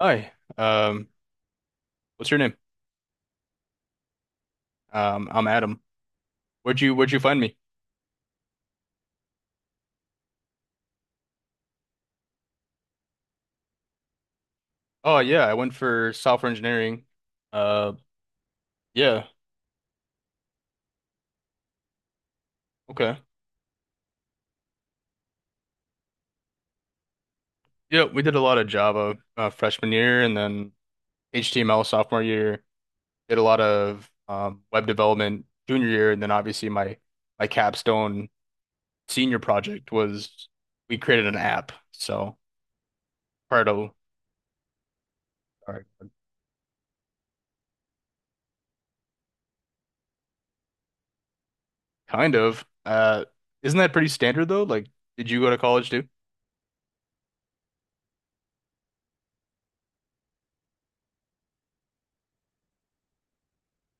Hi, um, what's your name? I'm Adam. Where'd you find me? Oh yeah, I went for software engineering. Uh, yeah, okay. Yeah, we did a lot of Java freshman year, and then HTML sophomore year. Did a lot of web development junior year, and then obviously my capstone senior project was we created an app. So part of, or kind of isn't that pretty standard though? Like, did you go to college too?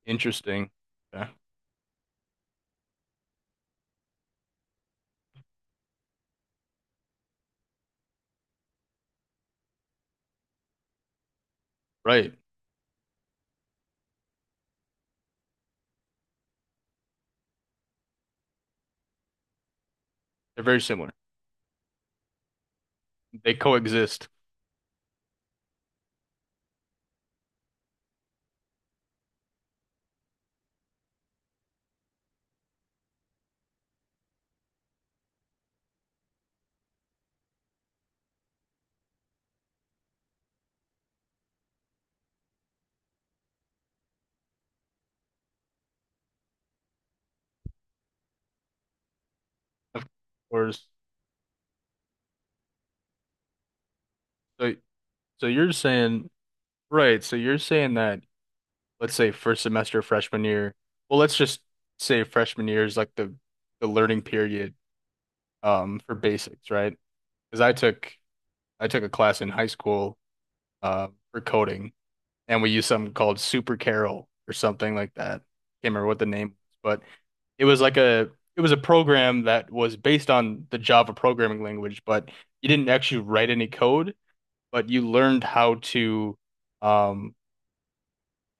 Interesting. Yeah. Right. They're very similar. They coexist, of course. So, so you're saying, right? So you're saying that, let's say first semester freshman year. Well, let's just say freshman year is like the learning period for basics, right? Because I took a class in high school for coding, and we used something called Super Carol or something like that. Can't remember what the name was, but it was like a, it was a program that was based on the Java programming language, but you didn't actually write any code. But you learned how to um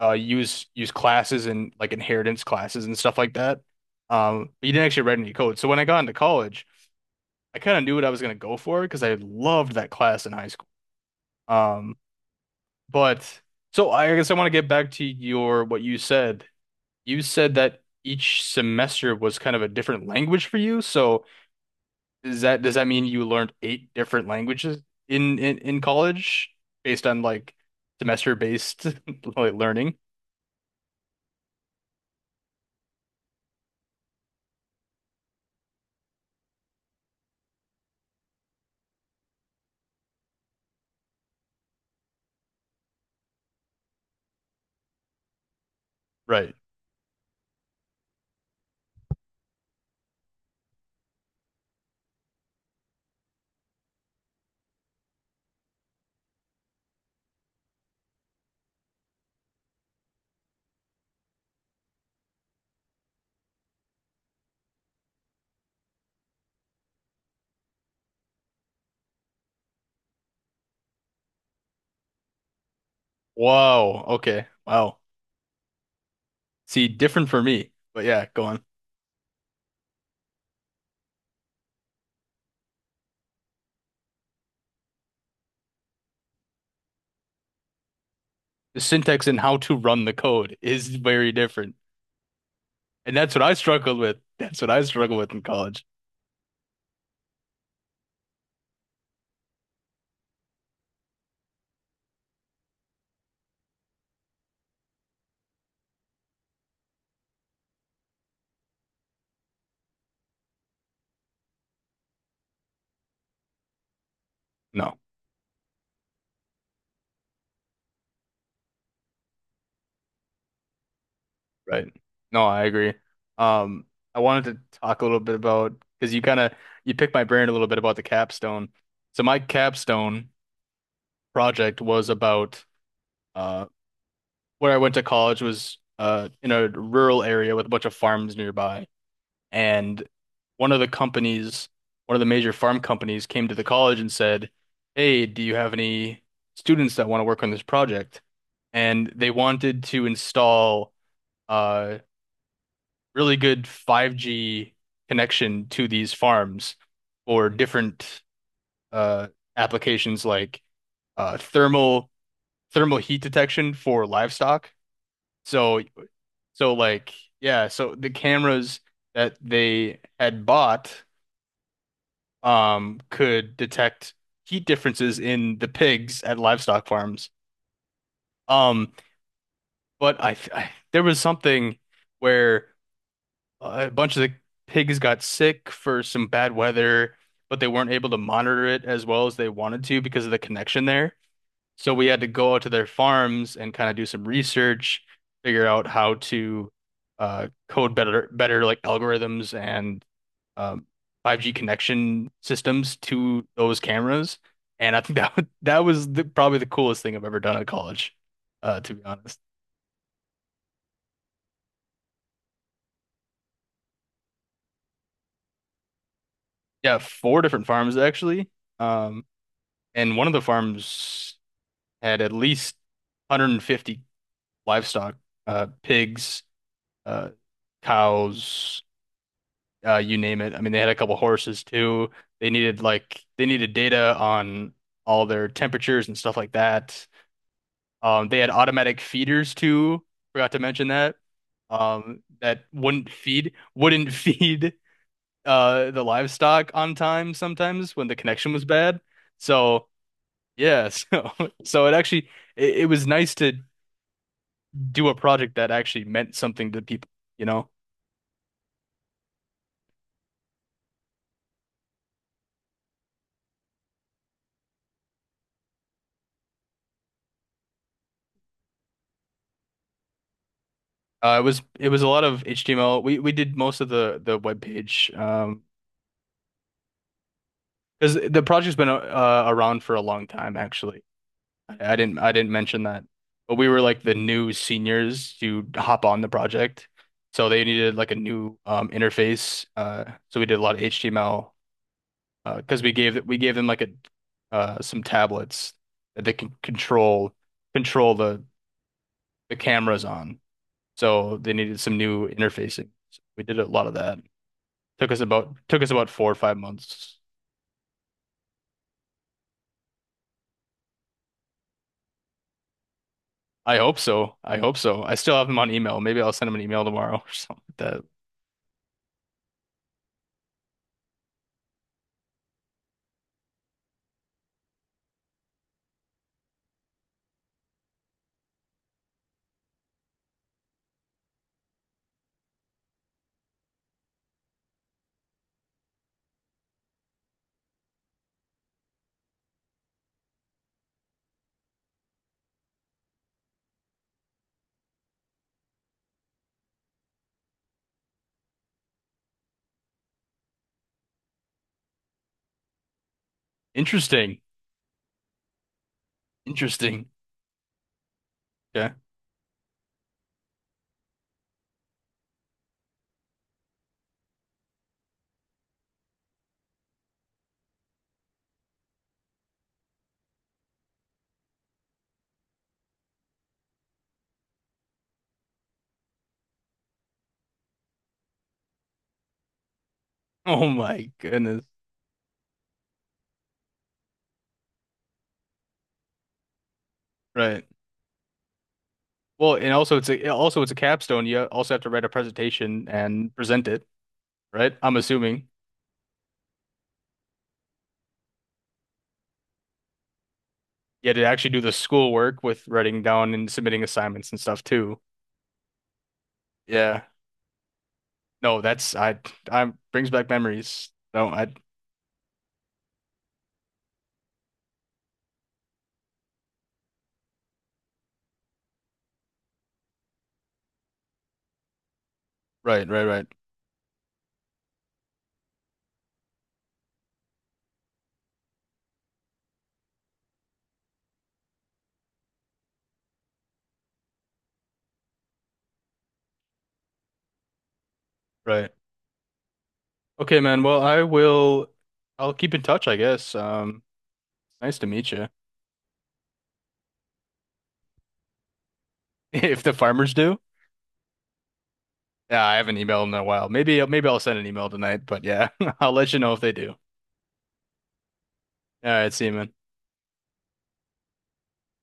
use classes and like inheritance classes and stuff like that. But you didn't actually write any code. So when I got into college, I kind of knew what I was going to go for because I loved that class in high school. Um, but so I guess I want to get back to your what you said. You said that each semester was kind of a different language for you. So is that, does that mean you learned eight different languages in college based on like semester based like learning? Right. Whoa. Okay. Wow. See, different for me. But yeah, go on. The syntax and how to run the code is very different. And that's what I struggled with. That's what I struggled with in college. No, right. No, I agree. Um, I wanted to talk a little bit about because you kind of, you picked my brain a little bit about the capstone. So my capstone project was about. Uh, where I went to college was in a rural area with a bunch of farms nearby. And one of the companies, one of the major farm companies, came to the college and said, hey, do you have any students that want to work on this project? And they wanted to install uh, really good 5G connection to these farms for different uh, applications like uh, thermal thermal heat detection for livestock. So, so like, yeah, so the cameras that they had bought could detect heat differences in the pigs at livestock farms. Um, but I, there was something where a bunch of the pigs got sick for some bad weather, but they weren't able to monitor it as well as they wanted to because of the connection there. So we had to go out to their farms and kind of do some research, figure out how to code better, like algorithms and um, 5G connection systems to those cameras. And I think that that was the, probably the coolest thing I've ever done at college, to be honest. Yeah, four different farms actually. Um, and one of the farms had at least 150 livestock, pigs, uh, cows, you name it. I mean, they had a couple horses too. They needed like they needed data on all their temperatures and stuff like that. They had automatic feeders too. Forgot to mention that. That wouldn't feed the livestock on time sometimes when the connection was bad. So yeah, so so it actually, it was nice to do a project that actually meant something to people, you know? It was a lot of HTML. We did most of the web page, because the project's been around for a long time actually. I didn't mention that, but we were like the new seniors to hop on the project, so they needed like a new interface. So we did a lot of HTML because we gave them like a, some tablets that they can control the cameras on. So they needed some new interfacing. So we did a lot of that. Took us about 4 or 5 months. I hope so. I hope so. I still have him on email. Maybe I'll send him an email tomorrow or something like that. Interesting. Interesting. Yeah. Oh my goodness. Right. Well, and also it's a, also it's a capstone. You also have to write a presentation and present it, right? I'm assuming. You had to actually do the schoolwork with writing down and submitting assignments and stuff too. Yeah. No, that's I brings back memories. No, I right, right, right, right. Okay, man. Well, I will. I'll keep in touch, I guess. Nice to meet you. If the farmers do, yeah, I haven't emailed in a while. Maybe, maybe I'll send an email tonight. But yeah, I'll let you know if they do. All right, see you, man.